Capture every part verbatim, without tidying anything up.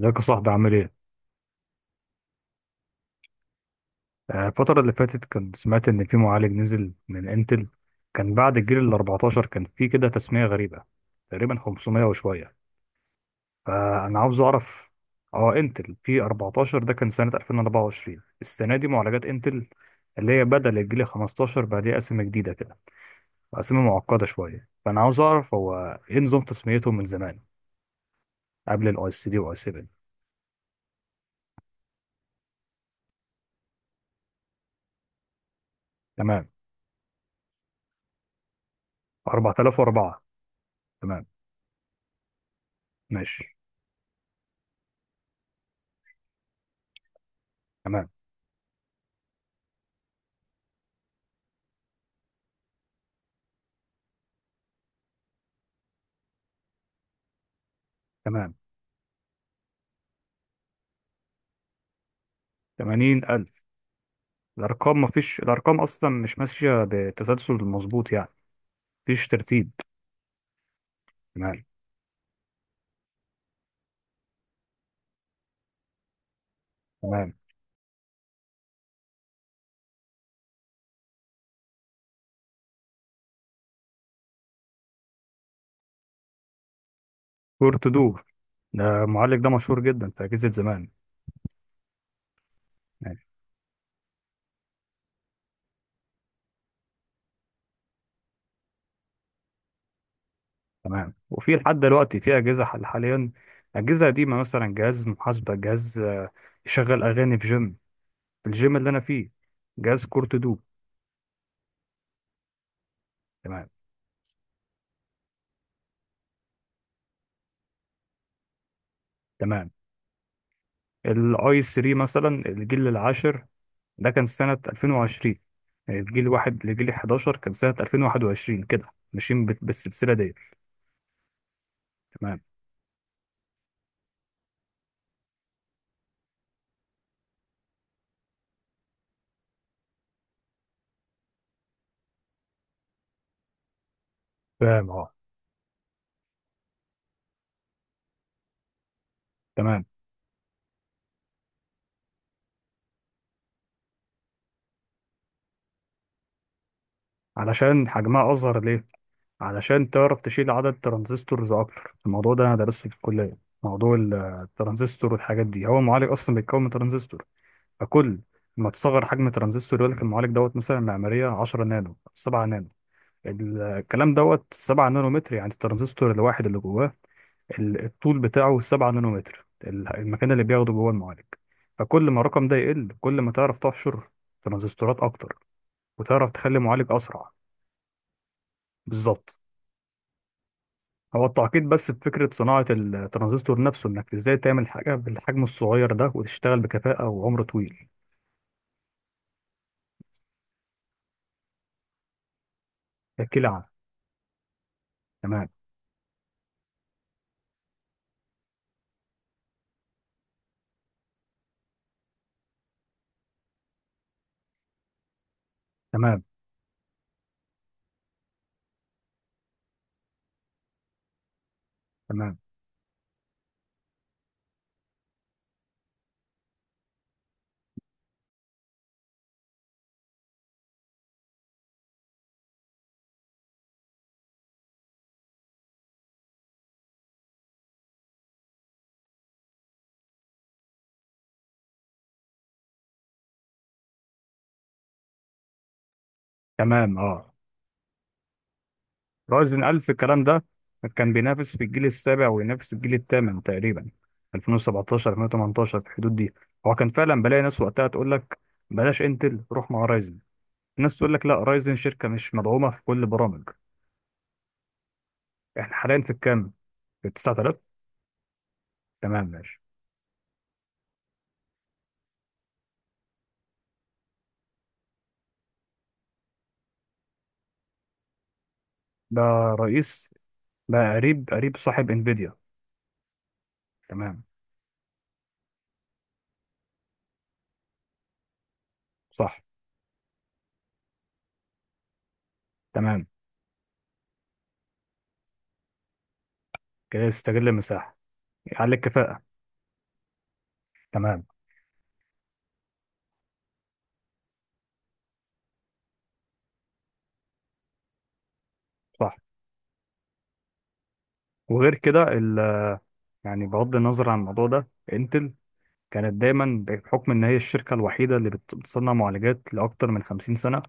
ازيك يا صاحبي عامل ايه؟ آه، الفترة اللي فاتت كنت سمعت إن في معالج نزل من انتل. كان بعد الجيل ال أربعتاشر كان في كده تسمية غريبة، تقريبا خمسمائة وشوية. فأنا عاوز أعرف. اه انتل في أربعة عشر ده كان سنة ألفين وأربعة وعشرين. السنة دي معالجات انتل اللي هي بدل الجيل خمستاشر، بقى ليها أسامي جديدة كده. أسامي معقدة شوية، فأنا عاوز أعرف هو ايه نظام تسميتهم من زمان قبل الاي اس دي واي سبعة. تمام. أربعة آلاف وأربعة. تمام. ماشي. تمام. تمام. ثمانين ألف. الارقام مفيش الارقام اصلا، مش ماشيه بتسلسل مظبوط يعني. مفيش ترتيب. تمام. تمام. كورتودو. ده المعالج ده مشهور جدا في اجهزه زمان. ماشي. تمام. وفي لحد دلوقتي في اجهزه حل حاليا، اجهزه قديمه، مثلا جهاز محاسبه، جهاز آه، يشغل اغاني في جيم. في الجيم اللي انا فيه. جهاز كورتودو. تمام. تمام. الاي آي ثري مثلا الجيل العاشر ده كان سنه ألفين وعشرين. الجيل واحد لجيل حداشر كان سنه ألفين وواحد وعشرين، كده ماشيين بال- بالسلسله دي. تمام. فاهم اه. تمام. علشان حجمها اصغر ليه؟ علشان تعرف تشيل عدد ترانزستورز اكتر. الموضوع ده انا درسته في الكليه. موضوع ال- الترانزستور والحاجات دي. هو المعالج اصلا بيتكون من ترانزستور. فكل ما تصغر حجم ترانزستور، يقول لك المعالج دوت مثلا معماريه عشرة نانو سبعة نانو. ال- الكلام دوت سبعة نانو متر، يعني الترانزستور الواحد اللي جواه ال- الطول بتاعه سبعة نانو متر، ال- المكان اللي بياخده جوه المعالج. فكل ما الرقم ده يقل، كل ما تعرف تحشر ترانزستورات اكتر، وتعرف تخلي معالج اسرع. بالظبط. هو التعقيد بس بفكره صناعه الترانزستور نفسه، انك ازاي تعمل حاجه بالحجم الصغير ده وتشتغل بكفاءه وعمر طويل. احكي لي عنه. تمام. تمام. تمام. تمام. اه. رايزن ألف، الكلام ده كان بينافس في الجيل السابع وينافس الجيل الثامن تقريبا، ألفين وسبعتاشر ألفين وتمنتاشر، في الحدود دي. هو كان فعلا بلاقي ناس وقتها تقول لك بلاش انتل روح مع رايزن. ناس تقول لك لا، رايزن شركه مش مدعومه في كل البرامج. احنا حاليا في الكام؟ في تسعتلاف. تمام ماشي. ده رئيس؟ لا، قريب قريب صاحب انفيديا. تمام. صح. تمام. كده يستغل المساحه، يعلي الكفاءه. تمام. صح. وغير كده ال... يعني بغض النظر عن الموضوع ده، انتل كانت دايما بحكم ان هي الشركه الوحيده اللي بت- بتصنع معالجات لاكتر من خمسين سنه.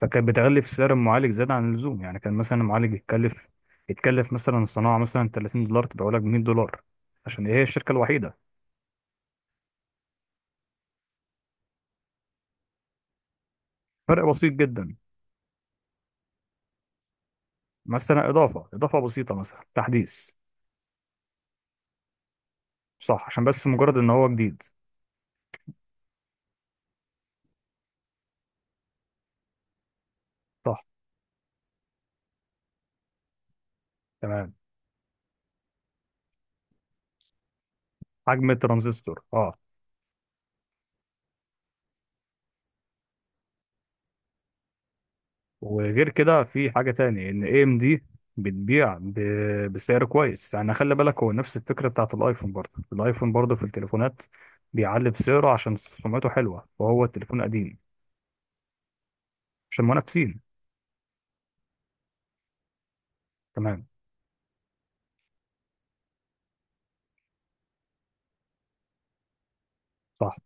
فكانت بتغلي في سعر المعالج زياده عن اللزوم، يعني كان مثلا المعالج يتكلف، يتكلف مثلا الصناعه مثلا تلاتين دولار، تبقى لك ميه دولار، عشان هي الشركه الوحيده. فرق بسيط جدا. مثلا اضافه اضافه بسيطه، مثلا تحديث. صح، عشان بس مجرد ان هو جديد. صح. تمام. حجم الترانزستور اه. وغير كده في حاجه تاني، ان اي ام دي بتبيع ب... بسعر كويس. يعني خلي بالك، هو نفس الفكره بتاعت الايفون. برضه الايفون، برضه في التليفونات بيعلي في سعره عشان سمعته حلوه وهو التليفون قديم. عشان منافسين. تمام. صح.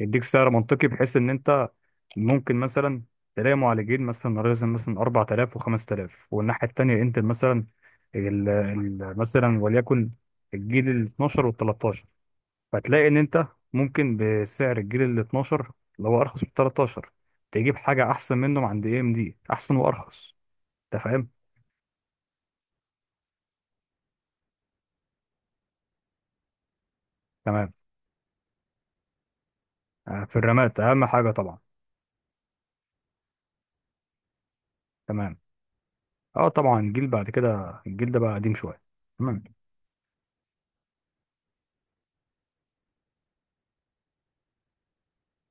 يديك سعر منطقي بحيث ان انت ممكن مثلا تلاقي معالجين، مثلا ريزن مثلا أربعة آلاف و5000، والناحية التانية انت مثلا ال ال مثلا وليكن الجيل ال اثنا عشر وال تلتاشر. فتلاقي ان انت ممكن بسعر الجيل ال اثنا عشر اللي هو ارخص من ال تلتاشر تجيب حاجة احسن منهم عند اي ام دي، احسن وارخص. انت فاهم. تمام. آه، في الرامات اهم حاجة طبعا. تمام اه. طبعا الجيل بعد كده، الجيل ده بقى قديم شوية. تمام.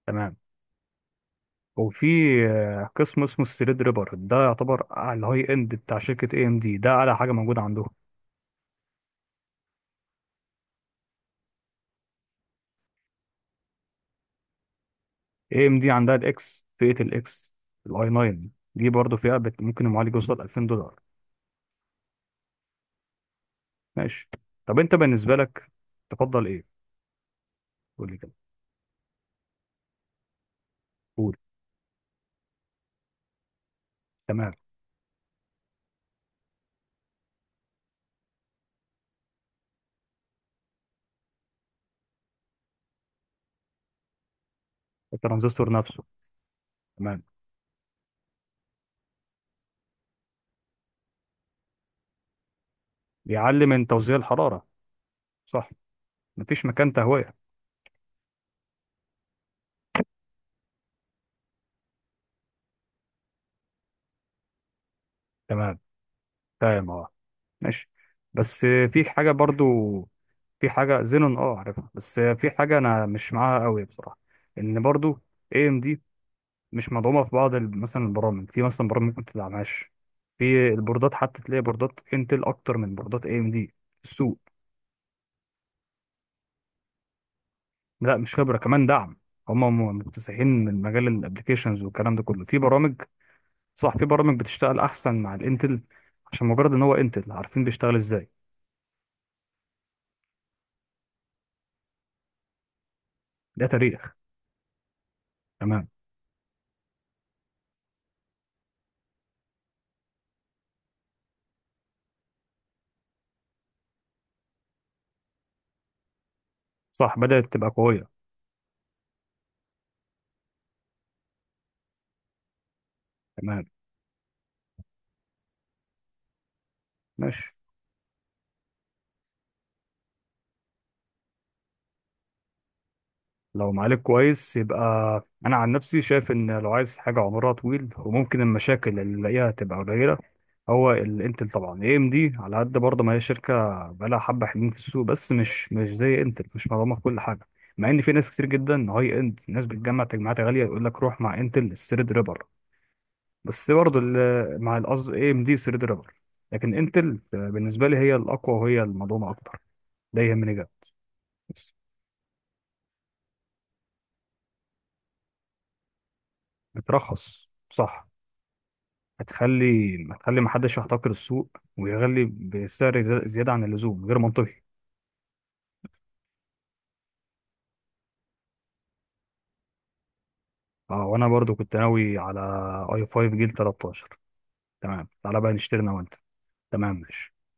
تمام. وفي آه، قسم اسمه الثريد ريبر، ده يعتبر على الهاي اند بتاع شركة اي ام دي، ده اعلى حاجة موجودة عندهم. اي ام دي عندها الاكس، فئة الاكس، الاي آي ناين، دي برضه فئة بت- ممكن المعالج يوصل ألفين دولار. ماشي. طب انت بالنسبة لك تفضل ايه؟ قول لي كده. قول. تمام. الترانزستور نفسه. تمام. بيعلي من توزيع الحرارة. صح. مفيش مكان تهوية. تمام. فاهم اه. ماشي. بس آه، في حاجة برضو. في حاجه زينون اه عارفها، بس في حاجه انا مش معاها قوي بصراحه. ان برضو اي ام دي مش مدعومه في بعض ال- مثلا البرامج. في مثلا برامج ممكن تدعمهاش. في البوردات حتى تلاقي بوردات انتل اكتر من بوردات اي ام دي في السوق. لا، مش خبره، كمان دعم. هم م- مكتسحين من مجال الابلكيشنز والكلام ده كله في برامج. صح. في برامج بتشتغل احسن مع الانتل، عشان مجرد ان هو انتل عارفين بيشتغل ازاي. ده تاريخ. تمام. صح، بدأت تبقى قويه. تمام. ماشي. لو معالج كويس، يبقى انا عن نفسي شايف ان لو عايز حاجه عمرها طويل وممكن المشاكل اللي نلاقيها تبقى قليله، هو الانتل طبعا. اي ام دي على قد برضه ما هي شركه بقالها حبه حلوين في السوق، بس مش مش زي انتل، مش مضمونه في كل حاجه. مع ان في ناس كتير جدا هاي اند، ناس بتجمع تجمعات غاليه، يقول لك روح مع انتل الثريد ريبر. بس برضه ال- مع القصد اي ام دي الثريد ريبر. لكن انتل بالنسبه لي هي الاقوى، وهي المضمونه اكتر. ده يهمني جدا. بس بترخص صح. هتخلي هتخلي محدش يحتكر السوق ويغلي بسعر زي- زيادة عن اللزوم غير منطقي. اه، وانا برضو كنت ناوي على اي آي فايف جيل تلتاشر. تمام. تعالى بقى نشتري انا وانت. تمام ماشي